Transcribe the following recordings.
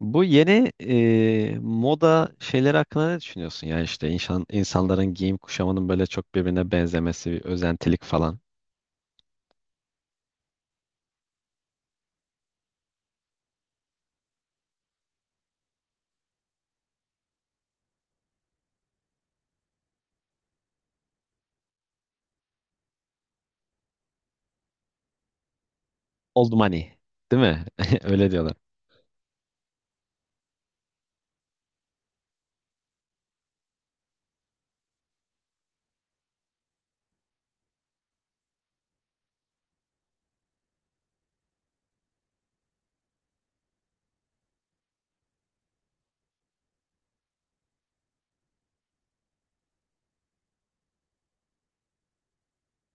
Bu yeni moda şeyleri hakkında ne düşünüyorsun? Yani işte insanların giyim kuşamının böyle çok birbirine benzemesi, bir özentilik falan. Old money, değil mi? Öyle diyorlar.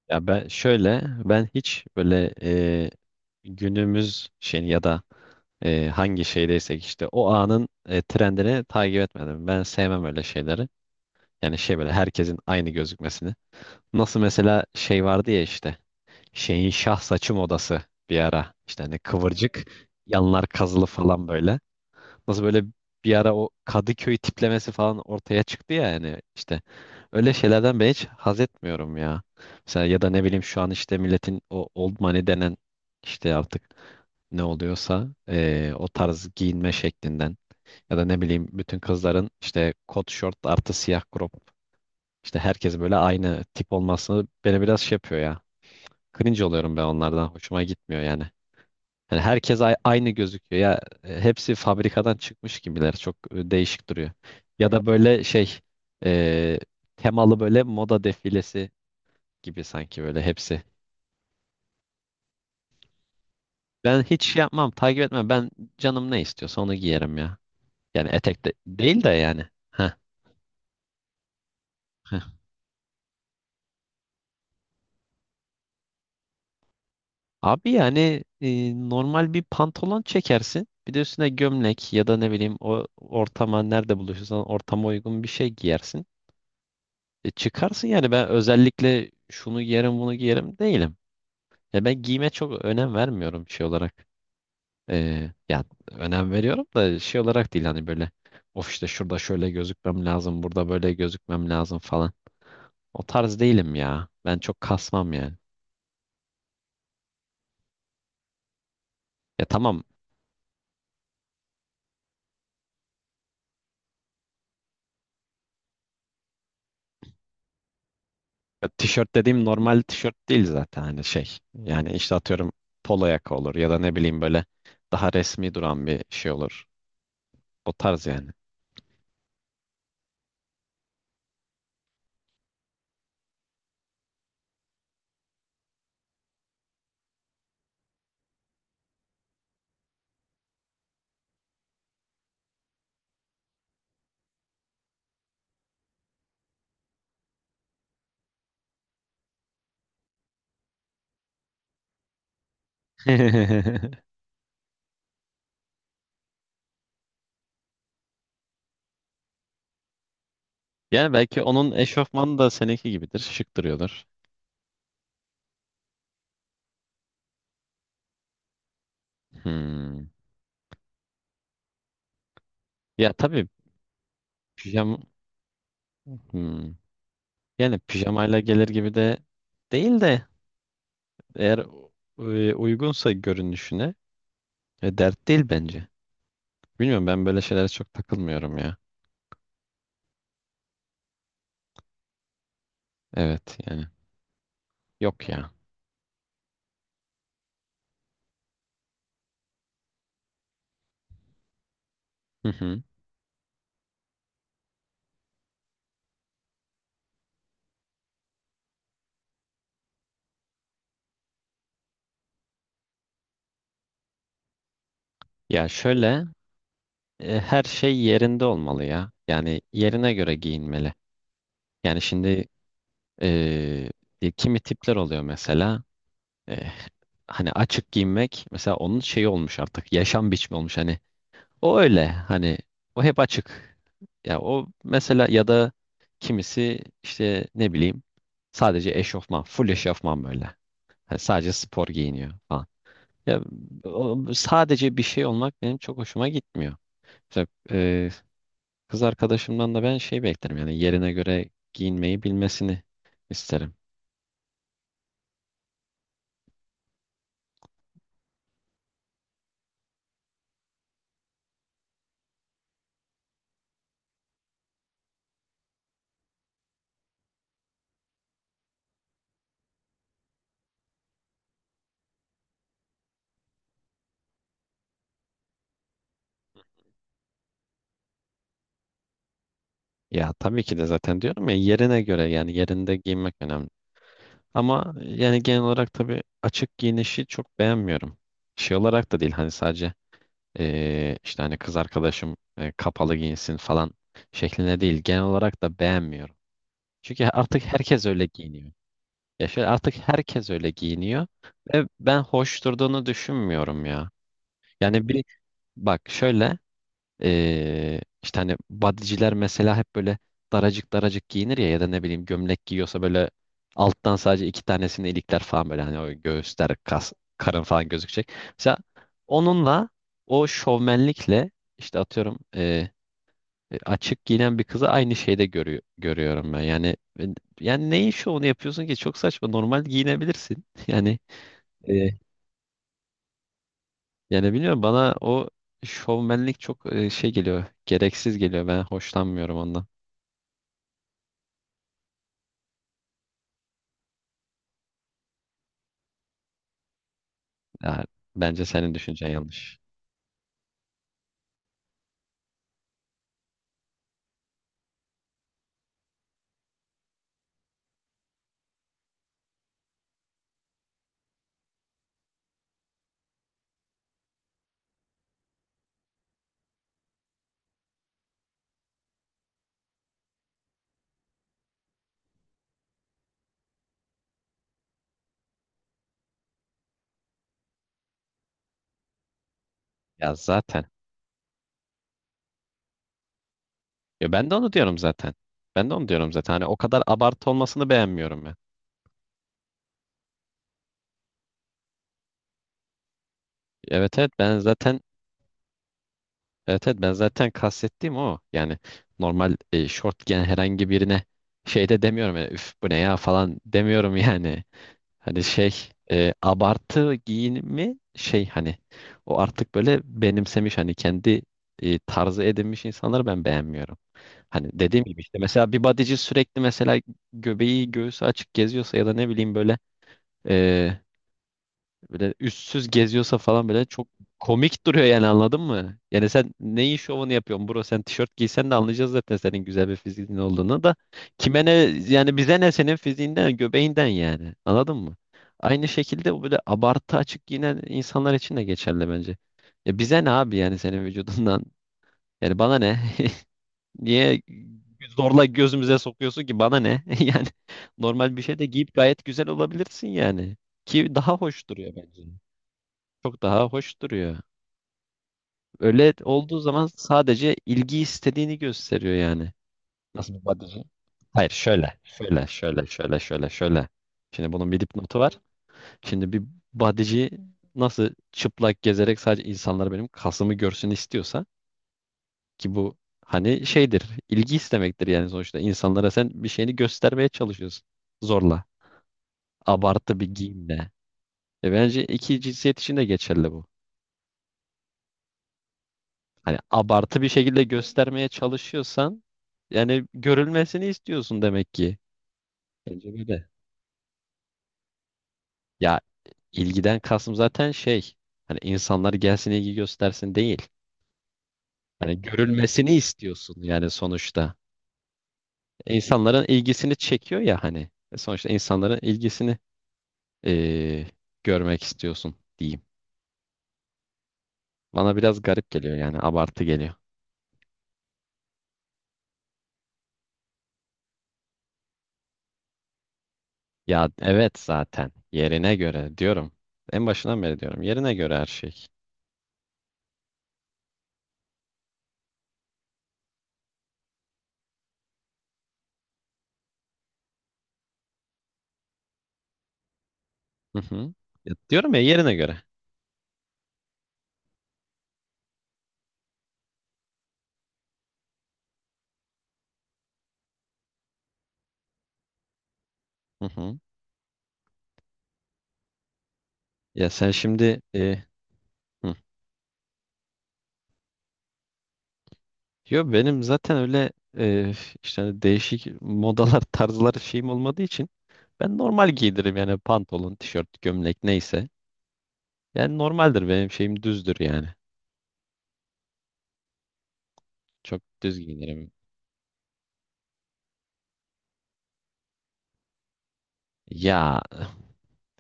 Ya ben şöyle ben hiç böyle günümüz şey ya da hangi şeydeysek işte o anın trendini takip etmedim. Ben sevmem öyle şeyleri. Yani şey böyle herkesin aynı gözükmesini. Nasıl mesela şey vardı ya işte şeyin şah saçım odası bir ara. İşte hani kıvırcık yanlar kazılı falan böyle. Nasıl böyle bir ara o Kadıköy tiplemesi falan ortaya çıktı ya yani işte öyle şeylerden ben hiç haz etmiyorum ya. Mesela ya da ne bileyim şu an işte milletin o old money denen işte artık ne oluyorsa o tarz giyinme şeklinden ya da ne bileyim bütün kızların işte kot şort artı siyah crop işte herkes böyle aynı tip olması beni biraz şey yapıyor ya. Cringe oluyorum ben onlardan. Hoşuma gitmiyor yani. Yani herkes aynı gözüküyor. Ya hepsi fabrikadan çıkmış gibiler. Çok değişik duruyor. Ya da böyle şey e, temalı böyle moda defilesi gibi sanki böyle hepsi. Ben hiç şey yapmam, takip etmem. Ben canım ne istiyorsa onu giyerim ya. Yani etek de değil de yani. Heh, heh. Abi yani normal bir pantolon çekersin. Bir de üstüne gömlek ya da ne bileyim o ortama nerede buluşursan ortama uygun bir şey giyersin. E çıkarsın yani ben özellikle şunu giyerim bunu giyerim değilim. Ya ben giyime çok önem vermiyorum şey olarak. Ya önem veriyorum da şey olarak değil hani böyle of işte şurada şöyle gözükmem lazım burada böyle gözükmem lazım falan. O tarz değilim ya. Ben çok kasmam yani. Ya tamam ya tişört dediğim normal tişört değil zaten hani şey. Yani işte atıyorum polo yaka olur ya da ne bileyim böyle daha resmi duran bir şey olur. O tarz yani. Yani belki onun eşofmanı da seninki gibidir. Şık duruyordur. Hmm. Ya tabii pijama hmm. Yani pijamayla gelir gibi de değil de eğer uygunsa görünüşüne dert değil bence. Bilmiyorum ben böyle şeylere çok takılmıyorum ya. Evet yani yok ya. Hı hı. Ya şöyle her şey yerinde olmalı ya. Yani yerine göre giyinmeli. Yani şimdi eee, kimi tipler oluyor mesela Eh, hani açık giyinmek mesela onun şeyi olmuş artık yaşam biçimi olmuş hani o öyle hani o hep açık. Ya o mesela ya da kimisi işte ne bileyim sadece eşofman full eşofman böyle hani sadece spor giyiniyor falan. Ya o, sadece bir şey olmak benim çok hoşuma gitmiyor. Mesela, kız arkadaşımdan da ben şey beklerim yani yerine göre giyinmeyi bilmesini isterim. Ya tabii ki de zaten diyorum ya yerine göre yani yerinde giyinmek önemli. Ama yani genel olarak tabii açık giyinişi çok beğenmiyorum. Şey olarak da değil hani sadece işte hani kız arkadaşım kapalı giyinsin falan şeklinde değil. Genel olarak da beğenmiyorum. Çünkü artık herkes öyle giyiniyor. Ya şöyle artık herkes öyle giyiniyor ve ben hoş durduğunu düşünmüyorum ya. Yani bir bak şöyle işte hani bodyciler mesela hep böyle daracık daracık giyinir ya ya da ne bileyim gömlek giyiyorsa böyle alttan sadece iki tanesini ilikler falan böyle hani o göğüsler, kas, karın falan gözükecek. Mesela onunla o şovmenlikle işte atıyorum açık giyinen bir kızı aynı şeyde görüyorum ben. Yani neyin şovunu yapıyorsun ki? Çok saçma. Normal giyinebilirsin. Yani E, yani bilmiyorum bana o şovmenlik çok şey geliyor. Gereksiz geliyor. Ben hoşlanmıyorum ondan. Ya, bence senin düşüncen yanlış. Ya zaten. Ya ben de onu diyorum zaten. Ben de onu diyorum zaten. Hani o kadar abartı olmasını beğenmiyorum ben. Evet evet ben zaten evet, evet, ben zaten kastettiğim o. Yani normal short giyen herhangi birine şey de demiyorum. Yani, üf, bu ne ya falan demiyorum yani. Hani şey abartı giyinimi şey hani o artık böyle benimsemiş hani kendi tarzı edinmiş insanları ben beğenmiyorum. Hani dediğim gibi işte mesela bir bodyci sürekli mesela göbeği göğsü açık geziyorsa ya da ne bileyim böyle eee, böyle üstsüz geziyorsa falan böyle çok komik duruyor yani anladın mı? Yani sen neyin şovunu yapıyorsun bro, sen tişört giysen de anlayacağız zaten senin güzel bir fiziğin olduğunu da. Kime ne yani, bize ne senin fiziğinden göbeğinden yani anladın mı? Aynı şekilde bu böyle abartı açık giyinen insanlar için de geçerli bence. Ya bize ne abi yani senin vücudundan yani bana ne? Niye zorla gözümüze sokuyorsun ki, bana ne? Yani normal bir şey de giyip gayet güzel olabilirsin yani. Ki daha hoş duruyor bence. Çok daha hoş duruyor. Öyle olduğu zaman sadece ilgi istediğini gösteriyor yani. Nasıl bir bodyci? Hayır şöyle. Şöyle şöyle şöyle şöyle şöyle. Şimdi bunun bir dipnotu var. Şimdi bir bodyci nasıl çıplak gezerek sadece insanlar benim kasımı görsün istiyorsa, ki bu hani şeydir, ilgi istemektir yani sonuçta. İnsanlara sen bir şeyini göstermeye çalışıyorsun. Zorla. Abartı bir giyimle. E bence iki cinsiyet için de geçerli bu. Hani abartı bir şekilde göstermeye çalışıyorsan yani görülmesini istiyorsun demek ki. Bence böyle. Ya ilgiden kastım zaten şey hani insanlar gelsin ilgi göstersin değil. Hani görülmesini istiyorsun yani sonuçta. İnsanların ilgisini çekiyor ya hani. E sonuçta insanların ilgisini eee, görmek istiyorsun diyeyim. Bana biraz garip geliyor yani abartı geliyor. Ya evet zaten yerine göre diyorum. En başından beri diyorum yerine göre her şey. Hı hı. Ya, diyorum ya, yerine göre. Hı hı. Ya sen şimdi hı. Yo, benim zaten öyle e, işte hani değişik modalar tarzlar şeyim olmadığı için ben normal giydiririm yani, pantolon, tişört, gömlek neyse. Yani normaldir benim şeyim, düzdür yani. Çok düz giyinirim. Ya,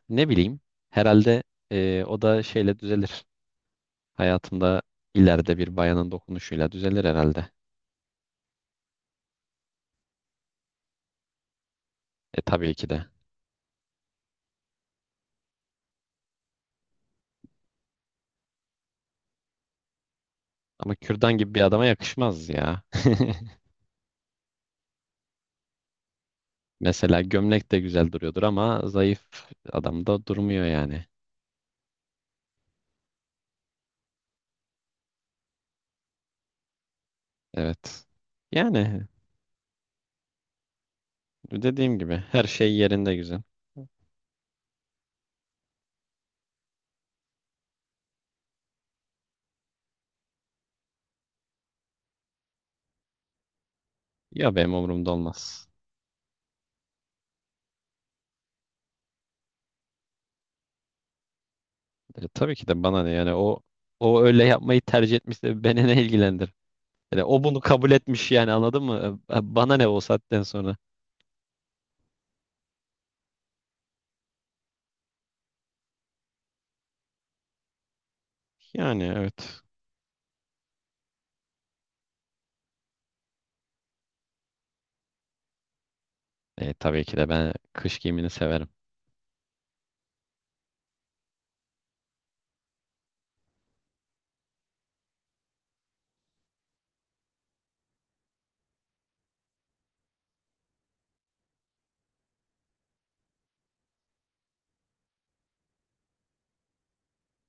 ne bileyim. Herhalde o da şeyle düzelir. Hayatında ileride bir bayanın dokunuşuyla düzelir herhalde. E tabii ki de. Ama kürdan gibi bir adama yakışmaz ya. Mesela gömlek de güzel duruyordur ama zayıf adamda durmuyor yani. Evet. Yani dediğim gibi her şey yerinde güzel. Ya benim umurumda olmaz. E, tabii ki de bana ne yani, o o öyle yapmayı tercih etmişse beni ne ilgilendir? Yani o bunu kabul etmiş yani anladın mı? E, bana ne o saatten sonra? Yani evet. E, tabii ki de ben kış giyimini severim.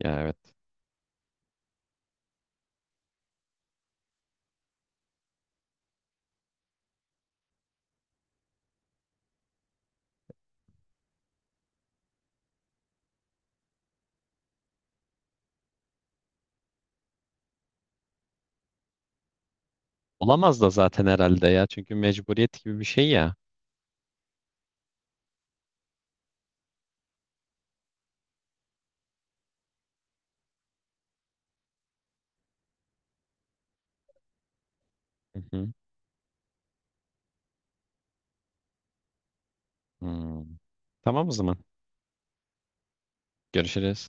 Ya evet. Olamaz da zaten herhalde ya. Çünkü mecburiyet gibi bir şey ya. Hı hı. Hmm. Tamam o zaman. Görüşürüz.